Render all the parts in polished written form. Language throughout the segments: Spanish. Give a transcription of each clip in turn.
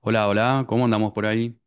Hola, hola, ¿cómo andamos por ahí?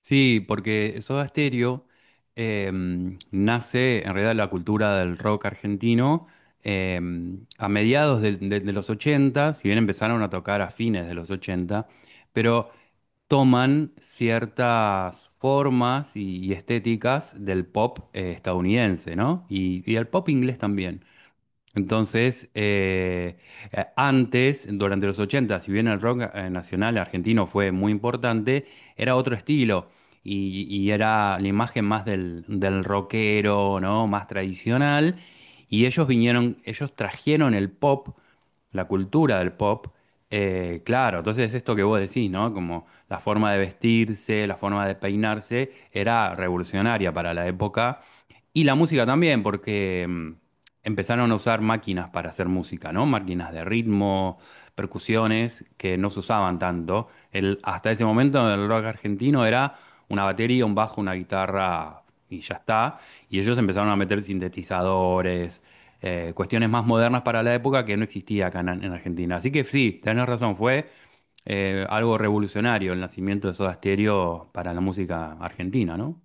Sí, porque Soda Stereo nace en realidad la cultura del rock argentino, a mediados de los 80. Si bien empezaron a tocar a fines de los 80, pero toman ciertas formas y estéticas del pop estadounidense, ¿no? Y del pop inglés también. Entonces, antes, durante los ochenta, si bien el rock nacional argentino fue muy importante, era otro estilo y era la imagen más del, del rockero, ¿no? Más tradicional. Y ellos vinieron, ellos trajeron el pop, la cultura del pop, claro. Entonces, esto que vos decís, ¿no? Como la forma de vestirse, la forma de peinarse, era revolucionaria para la época. Y la música también, porque... mm, empezaron a usar máquinas para hacer música, ¿no? Máquinas de ritmo, percusiones que no se usaban tanto. El, hasta ese momento el rock argentino era una batería, un bajo, una guitarra y ya está. Y ellos empezaron a meter sintetizadores, cuestiones más modernas para la época que no existía acá en Argentina. Así que sí, tenés razón, fue algo revolucionario el nacimiento de Soda Stereo para la música argentina, ¿no?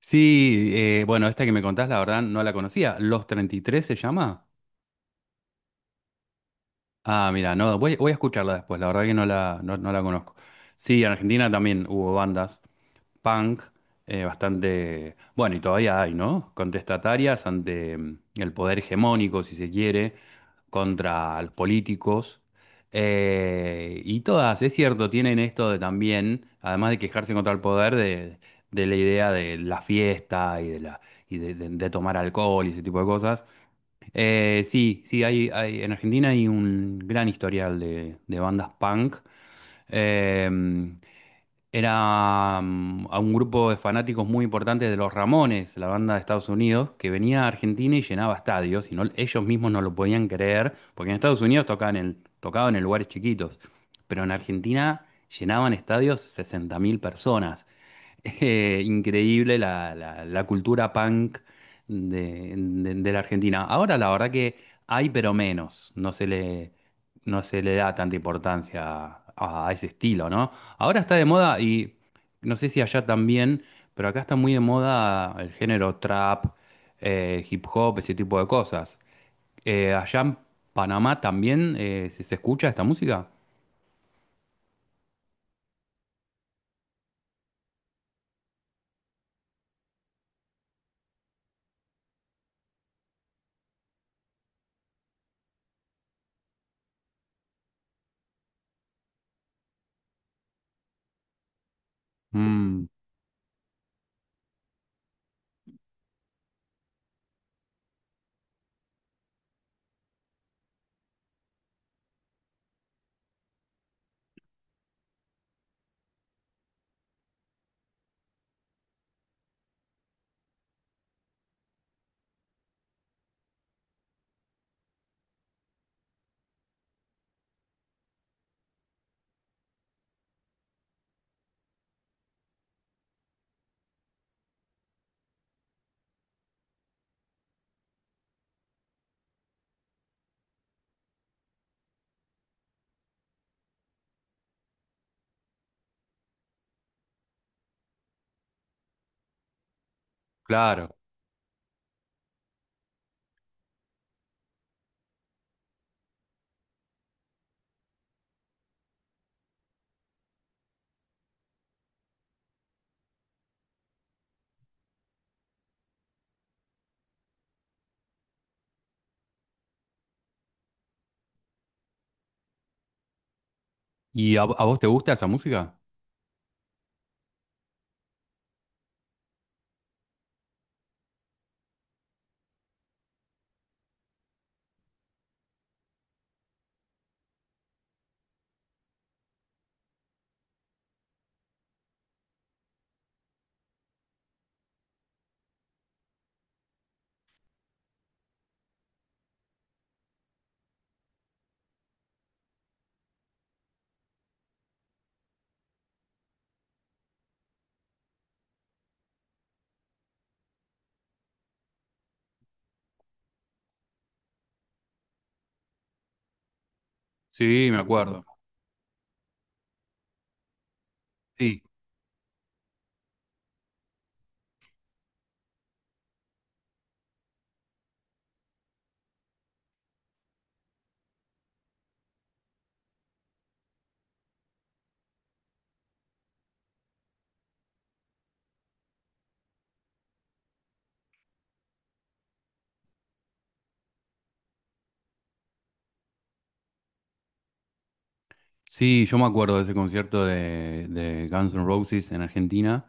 Sí, bueno, esta que me contás, la verdad, no la conocía. ¿Los 33 se llama? Ah, mira, no, voy, voy a escucharla después, la verdad que no la, no, no la conozco. Sí, en Argentina también hubo bandas punk, bastante, bueno, y todavía hay, ¿no? Contestatarias ante el poder hegemónico, si se quiere, contra los políticos. Y todas, es cierto, tienen esto de también, además de quejarse contra el poder, de la idea de la fiesta y de la y de, de tomar alcohol y ese tipo de cosas. Sí, sí, hay, en Argentina hay un gran historial de bandas punk. Eh, Era a un grupo de fanáticos muy importantes de los Ramones, la banda de Estados Unidos, que venía a Argentina y llenaba estadios, y ellos mismos no lo podían creer, porque en Estados Unidos tocaban en, tocaban en lugares chiquitos, pero en Argentina llenaban estadios 60.000 personas. Increíble la, la cultura punk de, de la Argentina. Ahora la verdad que hay, pero menos. No se le, no se le da tanta importancia a ese estilo, ¿no? Ahora está de moda y no sé si allá también, pero acá está muy de moda el género trap, hip hop, ese tipo de cosas. Allá en Panamá también se escucha esta música. Mm, claro. ¿Y a vos te gusta esa música? Sí, me acuerdo. Sí, sí, yo me acuerdo de ese concierto de Guns N' Roses en Argentina,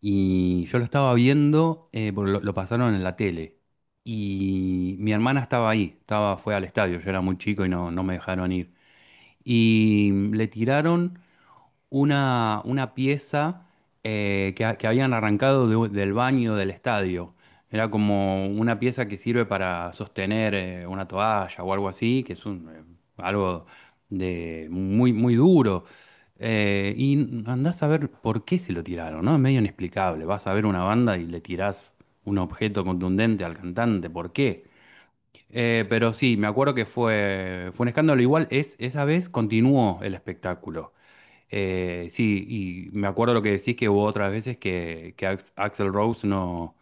y yo lo estaba viendo, porque lo pasaron en la tele y mi hermana estaba ahí, estaba, fue al estadio, yo era muy chico y no, no me dejaron ir. Y le tiraron una pieza que, que habían arrancado del baño del estadio. Era como una pieza que sirve para sostener una toalla o algo así, que es un, algo de muy, muy duro. Y andás a ver por qué se lo tiraron, ¿no? Es medio inexplicable. Vas a ver una banda y le tirás un objeto contundente al cantante, ¿por qué? Pero sí, me acuerdo que fue, fue un escándalo. Igual es, esa vez continuó el espectáculo. Sí, y me acuerdo lo que decís que hubo otras veces que Axl Rose no,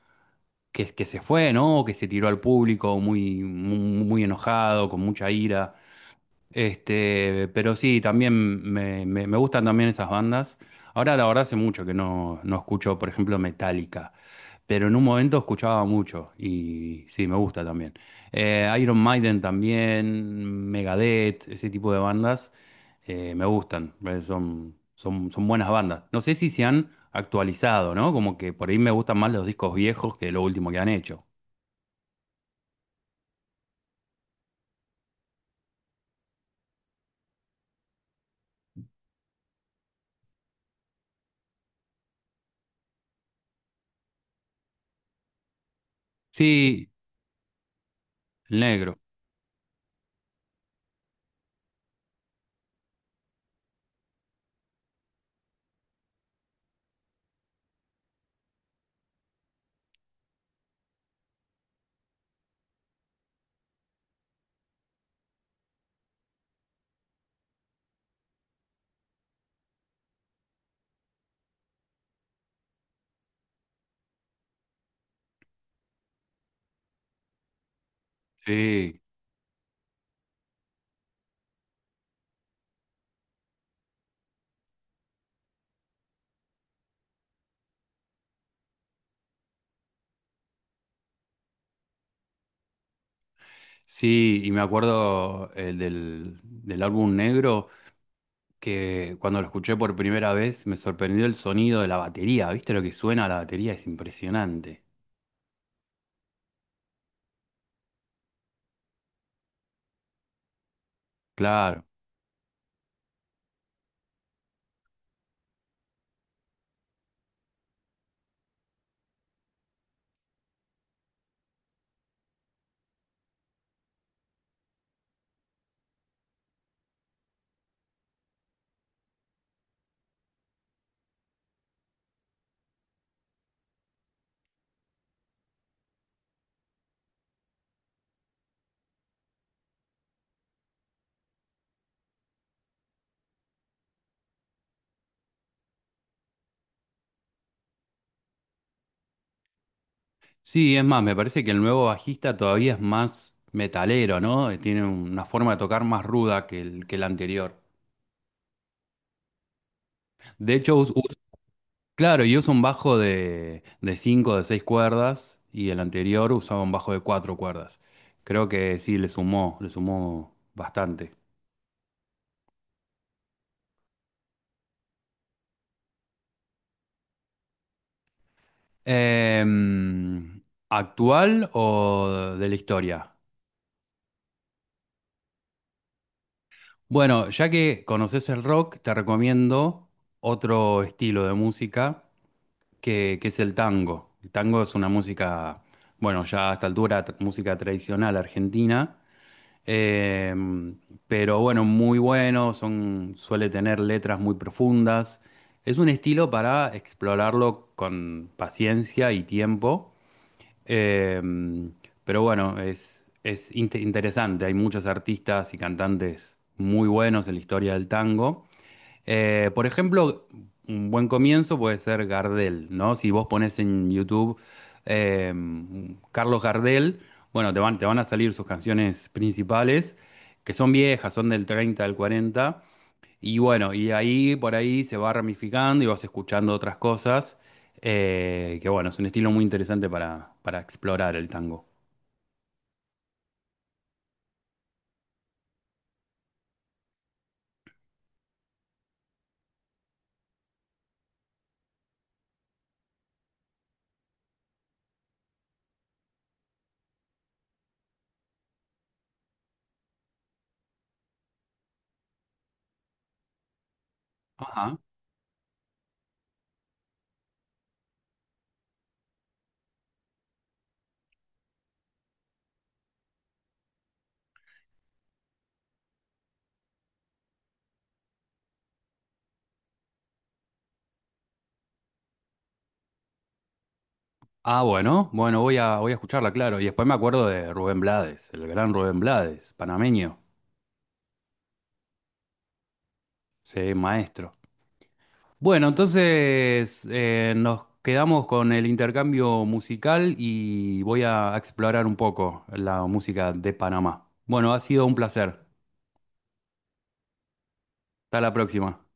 que, que se fue, ¿no? O que se tiró al público muy, muy, muy enojado, con mucha ira. Este, pero sí, también me, me gustan también esas bandas. Ahora la verdad hace mucho que no, no escucho, por ejemplo, Metallica, pero en un momento escuchaba mucho y sí, me gusta también. Iron Maiden también, Megadeth, ese tipo de bandas me gustan, son, son, son buenas bandas. No sé si se han actualizado, ¿no? Como que por ahí me gustan más los discos viejos que lo último que han hecho. Sí, el negro, sí, sí, y me acuerdo el del, del álbum negro, que cuando lo escuché por primera vez me sorprendió el sonido de la batería. ¿Viste lo que suena la batería? Es impresionante. Claro. Sí, es más, me parece que el nuevo bajista todavía es más metalero, ¿no? Tiene una forma de tocar más ruda que el anterior. De hecho, claro, y usa un bajo de cinco, de seis cuerdas, y el anterior usaba un bajo de cuatro cuerdas. Creo que sí, le sumó bastante. Em, ¿Actual o de la historia? Bueno, ya que conoces el rock, te recomiendo otro estilo de música que es el tango. El tango es una música, bueno, ya a esta altura, música tradicional argentina, eh, pero bueno, muy bueno, son, suele tener letras muy profundas. Es un estilo para explorarlo con paciencia y tiempo, eh, pero bueno, es interesante. Hay muchos artistas y cantantes muy buenos en la historia del tango. Por ejemplo, un buen comienzo puede ser Gardel, ¿no? Si vos pones en YouTube eh, Carlos Gardel, bueno, te van a salir sus canciones principales, que son viejas, son del 30, al 40, y bueno, y ahí por ahí se va ramificando y vas escuchando otras cosas, que bueno, es un estilo muy interesante para explorar el tango. Ajá. Ah, bueno, bueno, voy a, voy a escucharla, claro. Y después me acuerdo de Rubén Blades, el gran Rubén Blades, panameño. Sí, maestro. Bueno, entonces nos quedamos con el intercambio musical y voy a explorar un poco la música de Panamá. Bueno, ha sido un placer. Hasta la próxima.